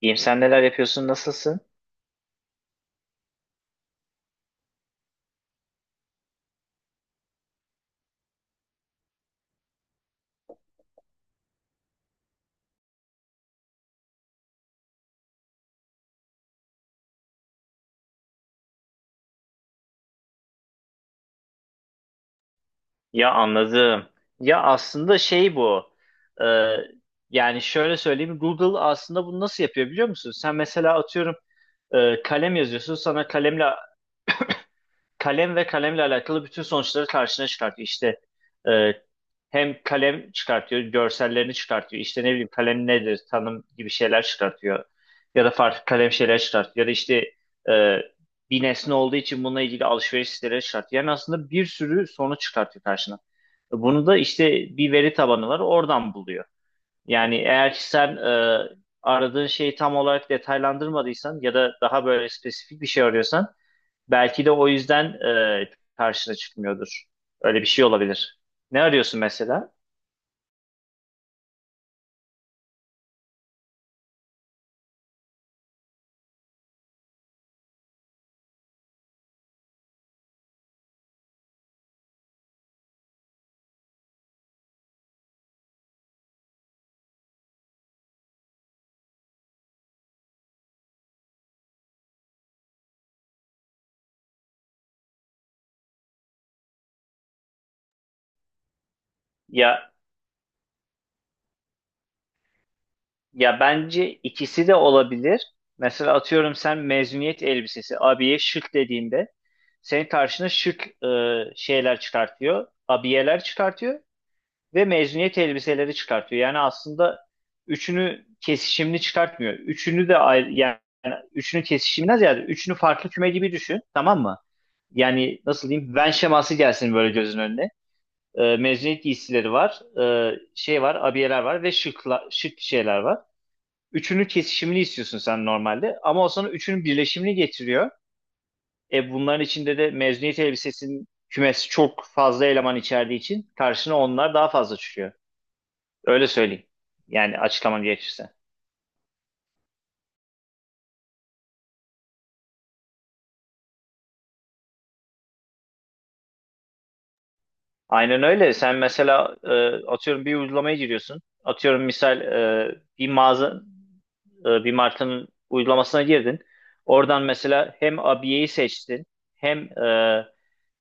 İyiyim, sen neler yapıyorsun, nasılsın? Ya anladım. Ya aslında şey bu. Ee, Yani şöyle söyleyeyim, Google aslında bunu nasıl yapıyor biliyor musun? Sen mesela atıyorum kalem yazıyorsun, sana kalem ve kalemle alakalı bütün sonuçları karşına çıkartıyor. İşte e, hem kalem çıkartıyor, görsellerini çıkartıyor. İşte ne bileyim kalem nedir, tanım gibi şeyler çıkartıyor. Ya da farklı kalem şeyler çıkartıyor. Ya da işte e, bir nesne olduğu için bununla ilgili alışveriş siteleri çıkartıyor. Yani aslında bir sürü sonuç çıkartıyor karşına. Bunu da işte bir veri tabanı var, oradan buluyor. Yani eğer ki sen aradığın şeyi tam olarak detaylandırmadıysan ya da daha böyle spesifik bir şey arıyorsan belki de o yüzden e, karşına çıkmıyordur. Öyle bir şey olabilir. Ne arıyorsun mesela? Ya ya bence ikisi de olabilir. Mesela atıyorum sen mezuniyet elbisesi abiye şık dediğinde senin karşına şık şeyler çıkartıyor. Abiyeler çıkartıyor ve mezuniyet elbiseleri çıkartıyor. Yani aslında üçünü kesişimli çıkartmıyor. Üçünü de ayrı, yani üçünü kesişimden ziyade üçünü farklı küme gibi düşün. Tamam mı? Yani nasıl diyeyim? Venn şeması gelsin böyle gözün önüne. Mezuniyet giysileri var. Şey var. Abiyeler var ve şık şeyler var. Üçünü kesişimli istiyorsun sen normalde. Ama o sana üçünün birleşimini getiriyor. E bunların içinde de mezuniyet elbisesinin kümesi çok fazla eleman içerdiği için karşına onlar daha fazla çıkıyor. Öyle söyleyeyim. Yani açıklamam gerekirse. Aynen öyle. Sen mesela atıyorum bir uygulamaya giriyorsun. Atıyorum misal bir mağaza, bir markanın uygulamasına girdin. Oradan mesela hem abiyeyi seçtin hem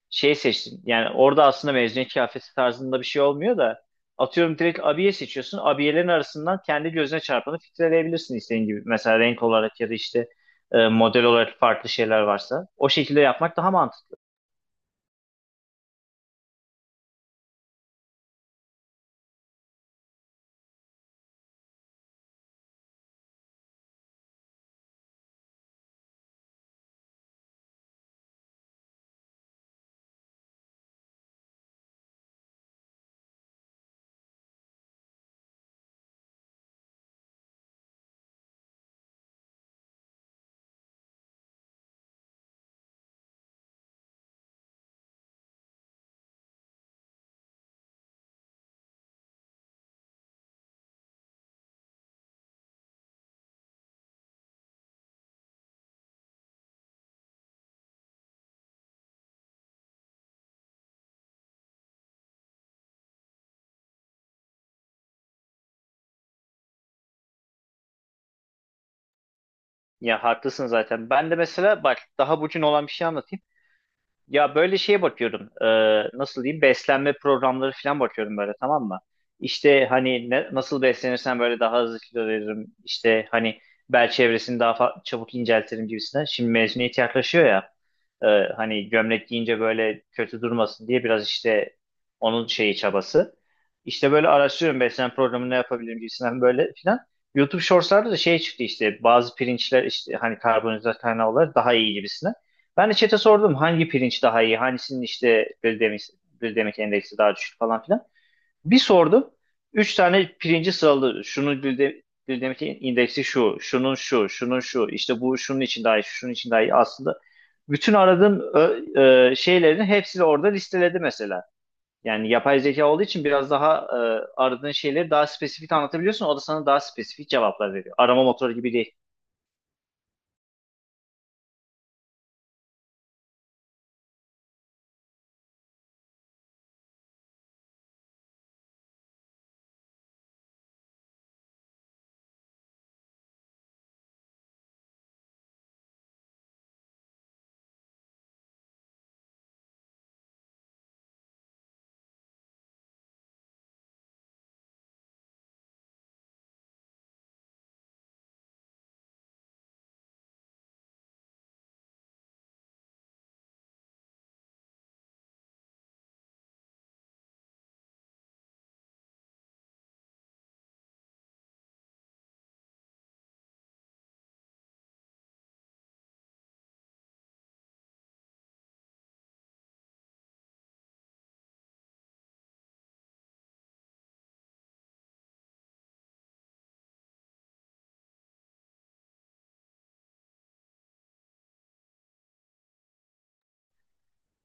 şey seçtin. Yani orada aslında mezuniyet kıyafeti tarzında bir şey olmuyor da atıyorum direkt abiye seçiyorsun. Abiyelerin arasından kendi gözüne çarpanı filtreleyebilirsin istediğin gibi. Mesela renk olarak ya da işte model olarak farklı şeyler varsa. O şekilde yapmak daha mantıklı. Ya haklısın zaten. Ben de mesela bak daha bugün olan bir şey anlatayım. Ya böyle şeye bakıyorum. Nasıl diyeyim? Beslenme programları falan bakıyorum böyle, tamam mı? İşte hani nasıl beslenirsen böyle daha hızlı kilo veririm. İşte hani bel çevresini daha çabuk inceltirim gibisinden. Şimdi mezuniyet yaklaşıyor ya. e, Hani gömlek giyince böyle kötü durmasın diye biraz işte onun şeyi çabası. İşte böyle araştırıyorum beslenme programı ne yapabilirim gibisinden böyle filan. YouTube Shorts'larda da şey çıktı işte bazı pirinçler işte hani karbonhidrat kaynağı olarak daha iyi gibisinden. Ben de chat'e sordum hangi pirinç daha iyi, hangisinin işte glisemik endeksi daha düşük falan filan. Bir sordum. Üç tane pirinci sıraladı. Şunun glisemik indeksi şu, şunun şu, şunun şu, işte bu şunun için daha iyi, şunun için daha iyi. Aslında bütün aradığım şeylerin hepsini orada listeledi mesela. Yani yapay zeka olduğu için biraz daha aradığın şeyleri daha spesifik anlatabiliyorsun. O da sana daha spesifik cevaplar veriyor. Arama motoru gibi değil.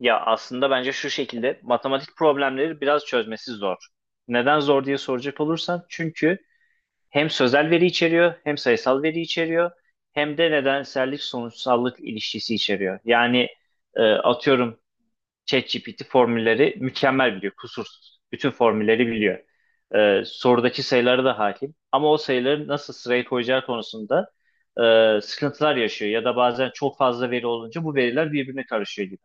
Ya aslında bence şu şekilde matematik problemleri biraz çözmesi zor. Neden zor diye soracak olursan çünkü hem sözel veri içeriyor hem sayısal veri içeriyor hem de nedensellik sonuçsallık ilişkisi içeriyor. Yani atıyorum ChatGPT formülleri mükemmel biliyor, kusursuz. Bütün formülleri biliyor. E, sorudaki sayılara da hakim ama o sayıları nasıl sıraya koyacağı konusunda sıkıntılar yaşıyor ya da bazen çok fazla veri olunca bu veriler birbirine karışıyor gibi.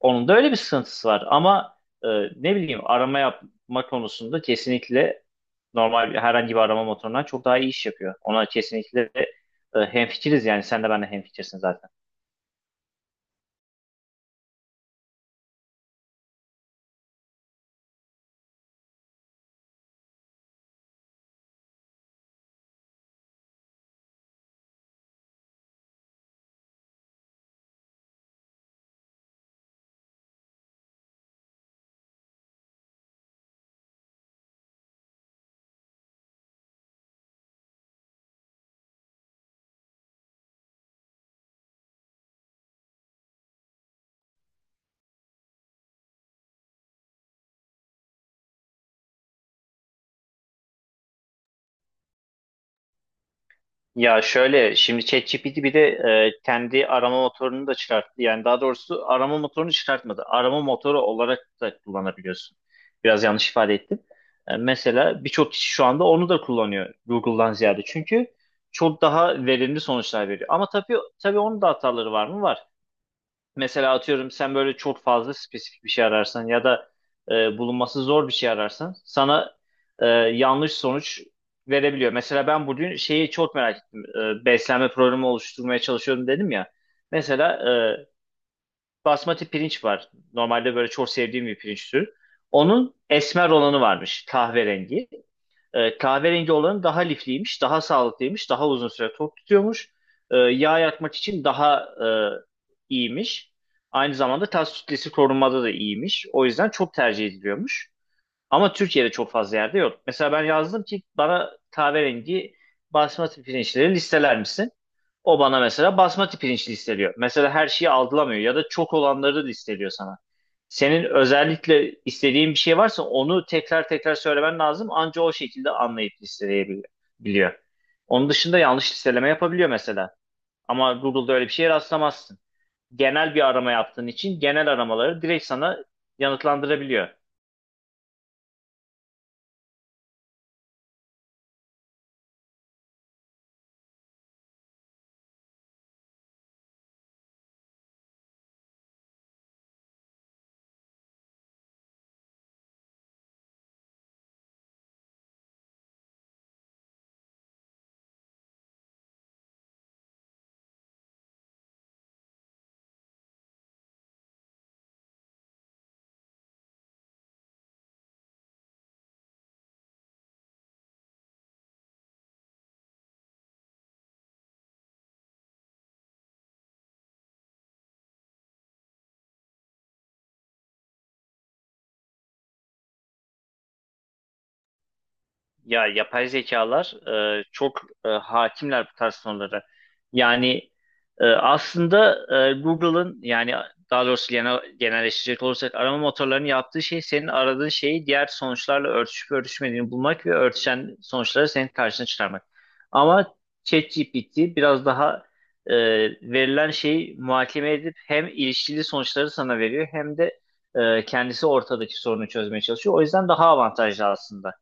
Onun da öyle bir sıkıntısı var ama e, ne bileyim arama yapma konusunda kesinlikle herhangi bir arama motorundan çok daha iyi iş yapıyor. Ona kesinlikle hemfikiriz, yani sen de ben de hemfikirsin zaten. Ya şöyle, şimdi ChatGPT bir de kendi arama motorunu da çıkarttı. Yani daha doğrusu arama motorunu çıkartmadı. Arama motoru olarak da kullanabiliyorsun. Biraz yanlış ifade ettim. E, mesela birçok kişi şu anda onu da kullanıyor Google'dan ziyade. Çünkü çok daha verimli sonuçlar veriyor. Ama tabii onun da hataları var mı? Var. Mesela atıyorum sen böyle çok fazla spesifik bir şey ararsan ya da bulunması zor bir şey ararsan sana yanlış sonuç verebiliyor. Mesela ben bugün şeyi çok merak ettim. E, beslenme programı oluşturmaya çalışıyorum dedim ya. Mesela e, basmati pirinç var. Normalde böyle çok sevdiğim bir pirinç türü. Onun esmer olanı varmış, kahverengi. E, kahverengi olanı daha lifliymiş, daha sağlıklıymış, daha uzun süre tok tutuyormuş. E, yağ yakmak için daha e, iyiymiş. Aynı zamanda tas kütlesi korunmada da iyiymiş. O yüzden çok tercih ediliyormuş. Ama Türkiye'de çok fazla yerde yok. Mesela ben yazdım ki bana kahverengi basmati pirinçleri listeler misin? O bana mesela basmati pirinç listeliyor. Mesela her şeyi algılamıyor ya da çok olanları listeliyor sana. Senin özellikle istediğin bir şey varsa onu tekrar tekrar söylemen lazım. Anca o şekilde anlayıp listeleyebiliyor. Onun dışında yanlış listeleme yapabiliyor mesela. Ama Google'da öyle bir şeye rastlamazsın. Genel bir arama yaptığın için genel aramaları direkt sana yanıtlandırabiliyor. Ya yapay zekalar çok hakimler bu tarz konulara. Yani aslında Google'ın yani daha doğrusu genelleştirecek olursak arama motorlarının yaptığı şey senin aradığın şeyi diğer sonuçlarla örtüşüp örtüşmediğini bulmak ve örtüşen sonuçları senin karşına çıkarmak. Ama ChatGPT biraz daha e, verilen şeyi muhakeme edip hem ilişkili sonuçları sana veriyor hem de kendisi ortadaki sorunu çözmeye çalışıyor. O yüzden daha avantajlı aslında.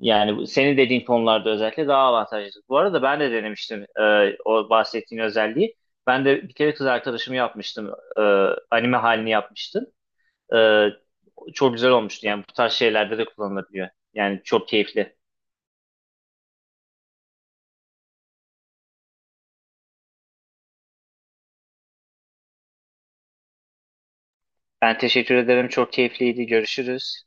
Yani senin dediğin konularda özellikle daha avantajlı. Bu arada ben de denemiştim o bahsettiğin özelliği. Ben de bir kere kız arkadaşımı yapmıştım. E, anime halini yapmıştım. E, çok güzel olmuştu. Yani bu tarz şeylerde de kullanılabiliyor. Yani çok keyifli. Ben teşekkür ederim. Çok keyifliydi. Görüşürüz.